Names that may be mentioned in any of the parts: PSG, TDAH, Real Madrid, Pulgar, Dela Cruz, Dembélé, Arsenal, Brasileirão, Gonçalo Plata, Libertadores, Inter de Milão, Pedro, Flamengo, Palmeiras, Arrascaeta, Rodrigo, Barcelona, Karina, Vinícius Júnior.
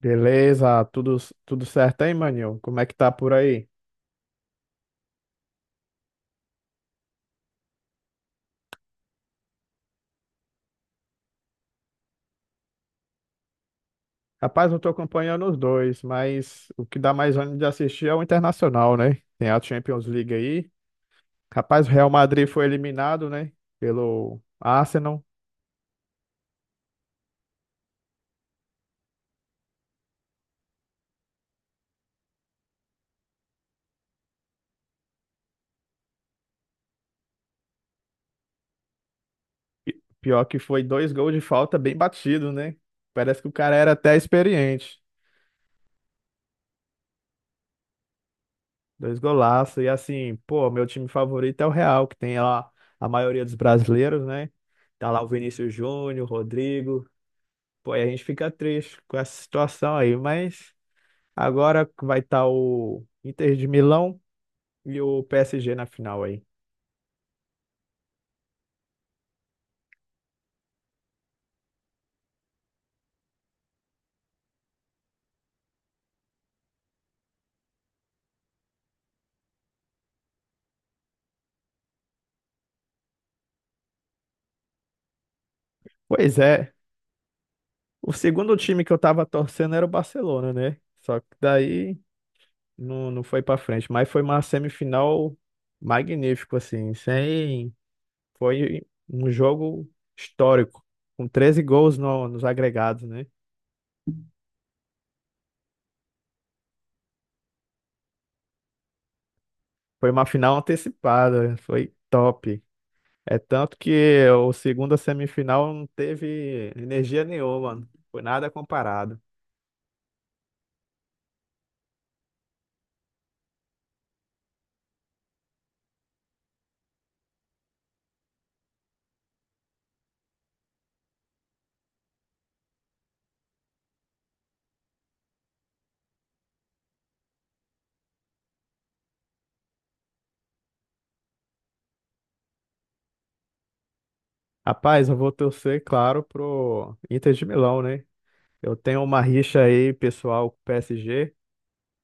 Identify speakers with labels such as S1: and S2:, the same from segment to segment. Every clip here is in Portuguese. S1: Beleza, tudo, tudo certo, hein, maninho? Como é que tá por aí? Rapaz, eu tô acompanhando os dois, mas o que dá mais ânimo de assistir é o Internacional, né? Tem a Champions League aí. Rapaz, o Real Madrid foi eliminado, né? Pelo Arsenal. E pior que foi dois gols de falta bem batido, né? Parece que o cara era até experiente. Dois golaços. E assim, pô, meu time favorito é o Real, que tem lá a maioria dos brasileiros, né? Tá lá o Vinícius Júnior, o Rodrigo. Pô, aí a gente fica triste com essa situação aí, mas agora vai estar o Inter de Milão e o PSG na final aí. Pois é, o segundo time que eu tava torcendo era o Barcelona, né? Só que daí não foi pra frente, mas foi uma semifinal magnífico assim, sem foi um jogo histórico, com 13 gols nos agregados, né? Foi uma final antecipada, foi top. É tanto que o segunda semifinal não teve energia nenhuma, não foi nada comparado. Rapaz, eu vou torcer, claro, pro Inter de Milão, né? Eu tenho uma rixa aí, pessoal, com o PSG.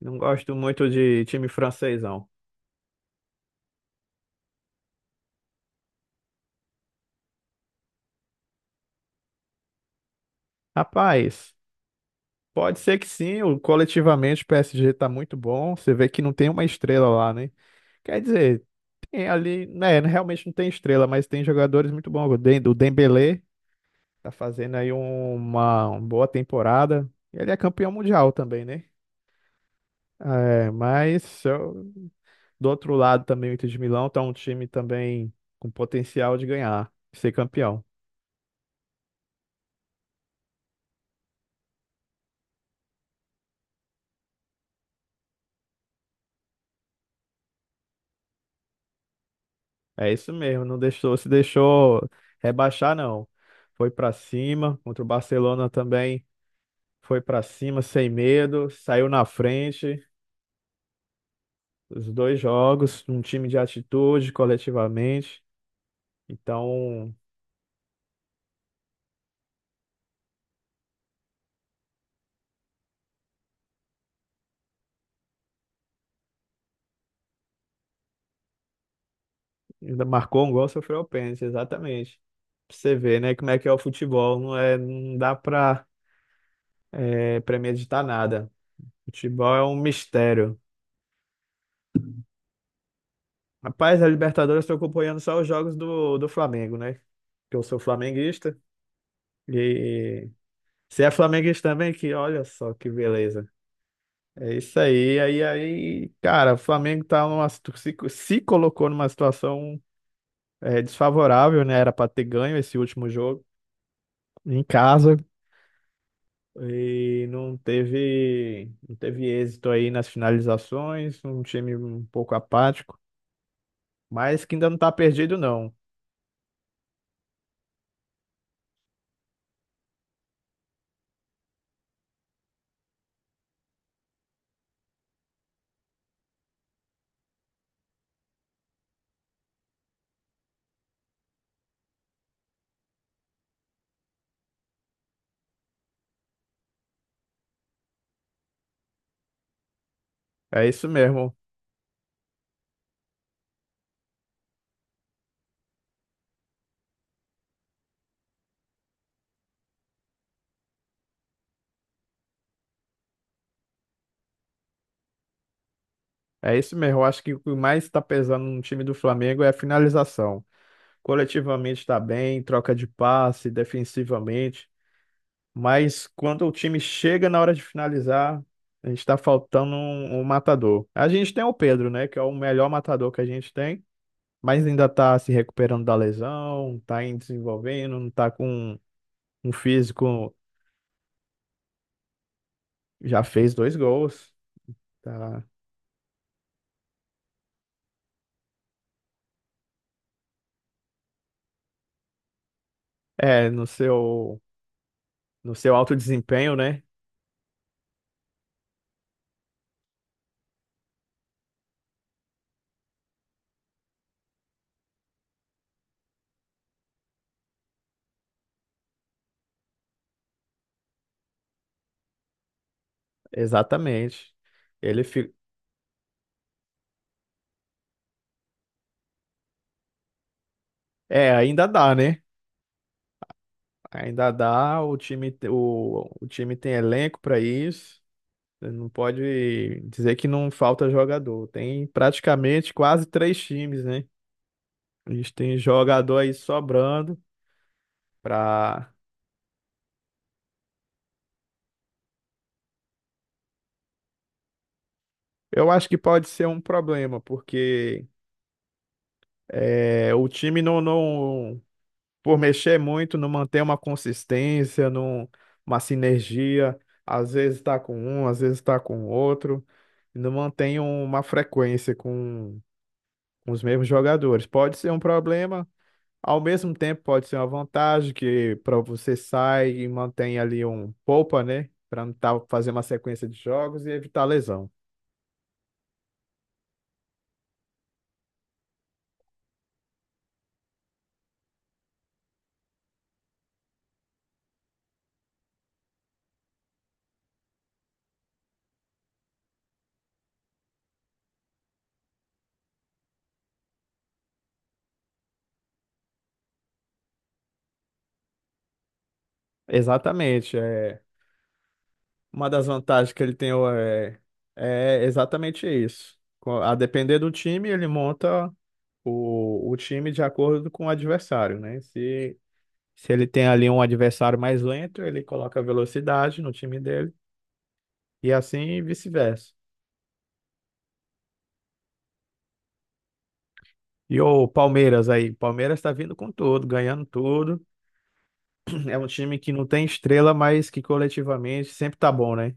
S1: Não gosto muito de time francês, não. Rapaz, pode ser que sim, o- coletivamente o PSG tá muito bom. Você vê que não tem uma estrela lá, né? Quer dizer, tem ali, né, realmente não tem estrela, mas tem jogadores muito bons. O Dembélé tá fazendo aí uma boa temporada. Ele é campeão mundial também, né? É, mas eu- do outro lado também o Inter de Milão tá um time também com potencial de ganhar, de ser campeão. É isso mesmo, se deixou rebaixar, não. Foi pra cima, contra o Barcelona também foi pra cima sem medo, saiu na frente, os dois jogos, um time de atitude coletivamente. Então, ainda marcou um gol, sofreu o pênalti, exatamente. Pra você ver, né, como é que é o futebol. Não dá pra, é, premeditar nada. Futebol é um mistério. Rapaz, a Libertadores estou acompanhando só os jogos do Flamengo, né? Que eu sou flamenguista. E você é flamenguista também? Que olha só que beleza. É isso aí. Cara, o Flamengo tá numa, se colocou numa situação é, desfavorável, né? Era pra ter ganho esse último jogo em casa e não teve êxito aí nas finalizações, um time um pouco apático, mas que ainda não tá perdido, não. É isso mesmo. É isso mesmo. Eu acho que o que mais está pesando no time do Flamengo é a finalização. Coletivamente está bem, troca de passe, defensivamente, mas quando o time chega na hora de finalizar, a gente está faltando um matador. A gente tem o Pedro, né, que é o melhor matador que a gente tem, mas ainda está se recuperando da lesão, está em desenvolvendo, não está com um físico, já fez dois gols, tá? É, no seu no seu alto desempenho, né? Exatamente. Ele fi... é, ainda dá, né? Ainda dá, o o time tem elenco para isso. Não pode dizer que não falta jogador. Tem praticamente quase três times, né? A gente tem jogador aí sobrando para eu acho que pode ser um problema, porque é, o time não, não, por mexer muito, não mantém uma consistência, não, uma sinergia. Às vezes está com um, às vezes está com outro, e não mantém uma frequência com os mesmos jogadores. Pode ser um problema, ao mesmo tempo pode ser uma vantagem, que para você sai e mantém ali um poupa, né? Para não tá, fazer uma sequência de jogos e evitar lesão. Exatamente. É. Uma das vantagens que ele tem é, é exatamente isso. Co- a depender do time, ele monta o time de acordo com o adversário, né? Se ele tem ali um adversário mais lento, ele coloca velocidade no time dele e assim vice-versa. E o Palmeiras aí, Palmeiras está vindo com tudo, ganhando tudo. É um time que não tem estrela, mas que coletivamente sempre tá bom, né?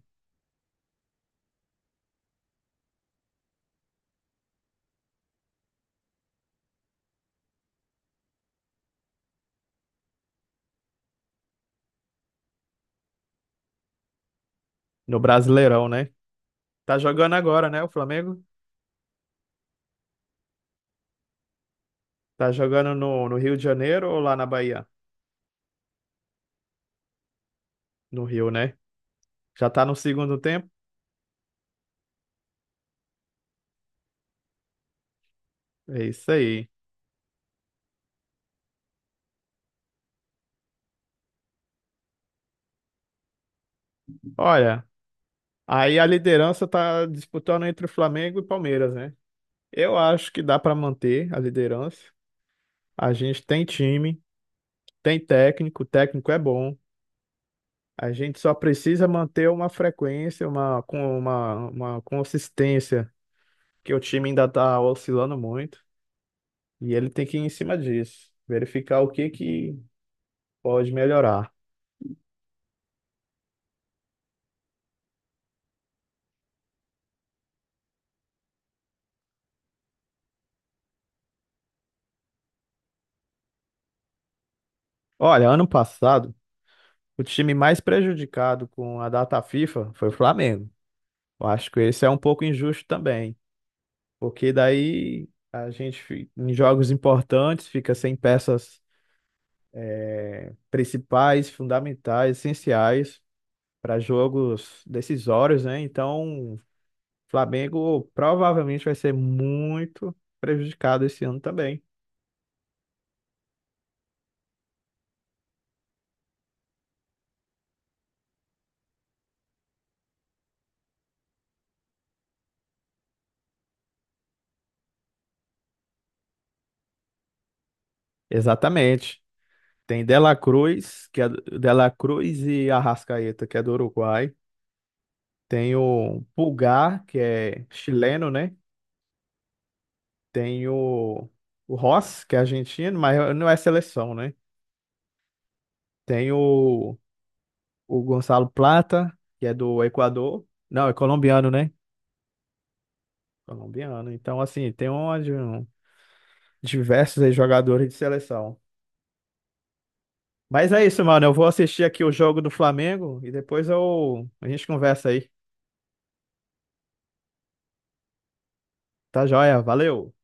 S1: No Brasileirão, né? Tá jogando agora, né? O Flamengo tá jogando no Rio de Janeiro ou lá na Bahia? No Rio, né? Já tá no segundo tempo? É isso aí. Olha, aí a liderança tá disputando entre o Flamengo e Palmeiras, né? Eu acho que dá pra manter a liderança. A gente tem time, tem técnico, o técnico é bom. A gente só precisa manter uma frequência, com uma consistência, que o time ainda tá oscilando muito. E ele tem que ir em cima disso, verificar o que que pode melhorar. Olha, ano passado, o time mais prejudicado com a data FIFA foi o Flamengo. Eu acho que esse é um pouco injusto também, porque daí a gente, fi- em jogos importantes, fica sem peças principais, fundamentais, essenciais para jogos decisórios, né? Então, o Flamengo provavelmente vai ser muito prejudicado esse ano também. Exatamente. Tem Dela Cruz, que é Dela Cruz e Arrascaeta, que é do Uruguai. Tem o Pulgar, que é chileno, né? Tem o Ross, que é argentino, mas não é seleção, né? Tem o Gonçalo Plata, que é do Equador. Não, é colombiano, né? Colombiano. Então, assim, tem diversos aí jogadores de seleção. Mas é isso, mano. Eu vou assistir aqui o jogo do Flamengo e depois eu, a gente conversa aí. Tá joia? Valeu!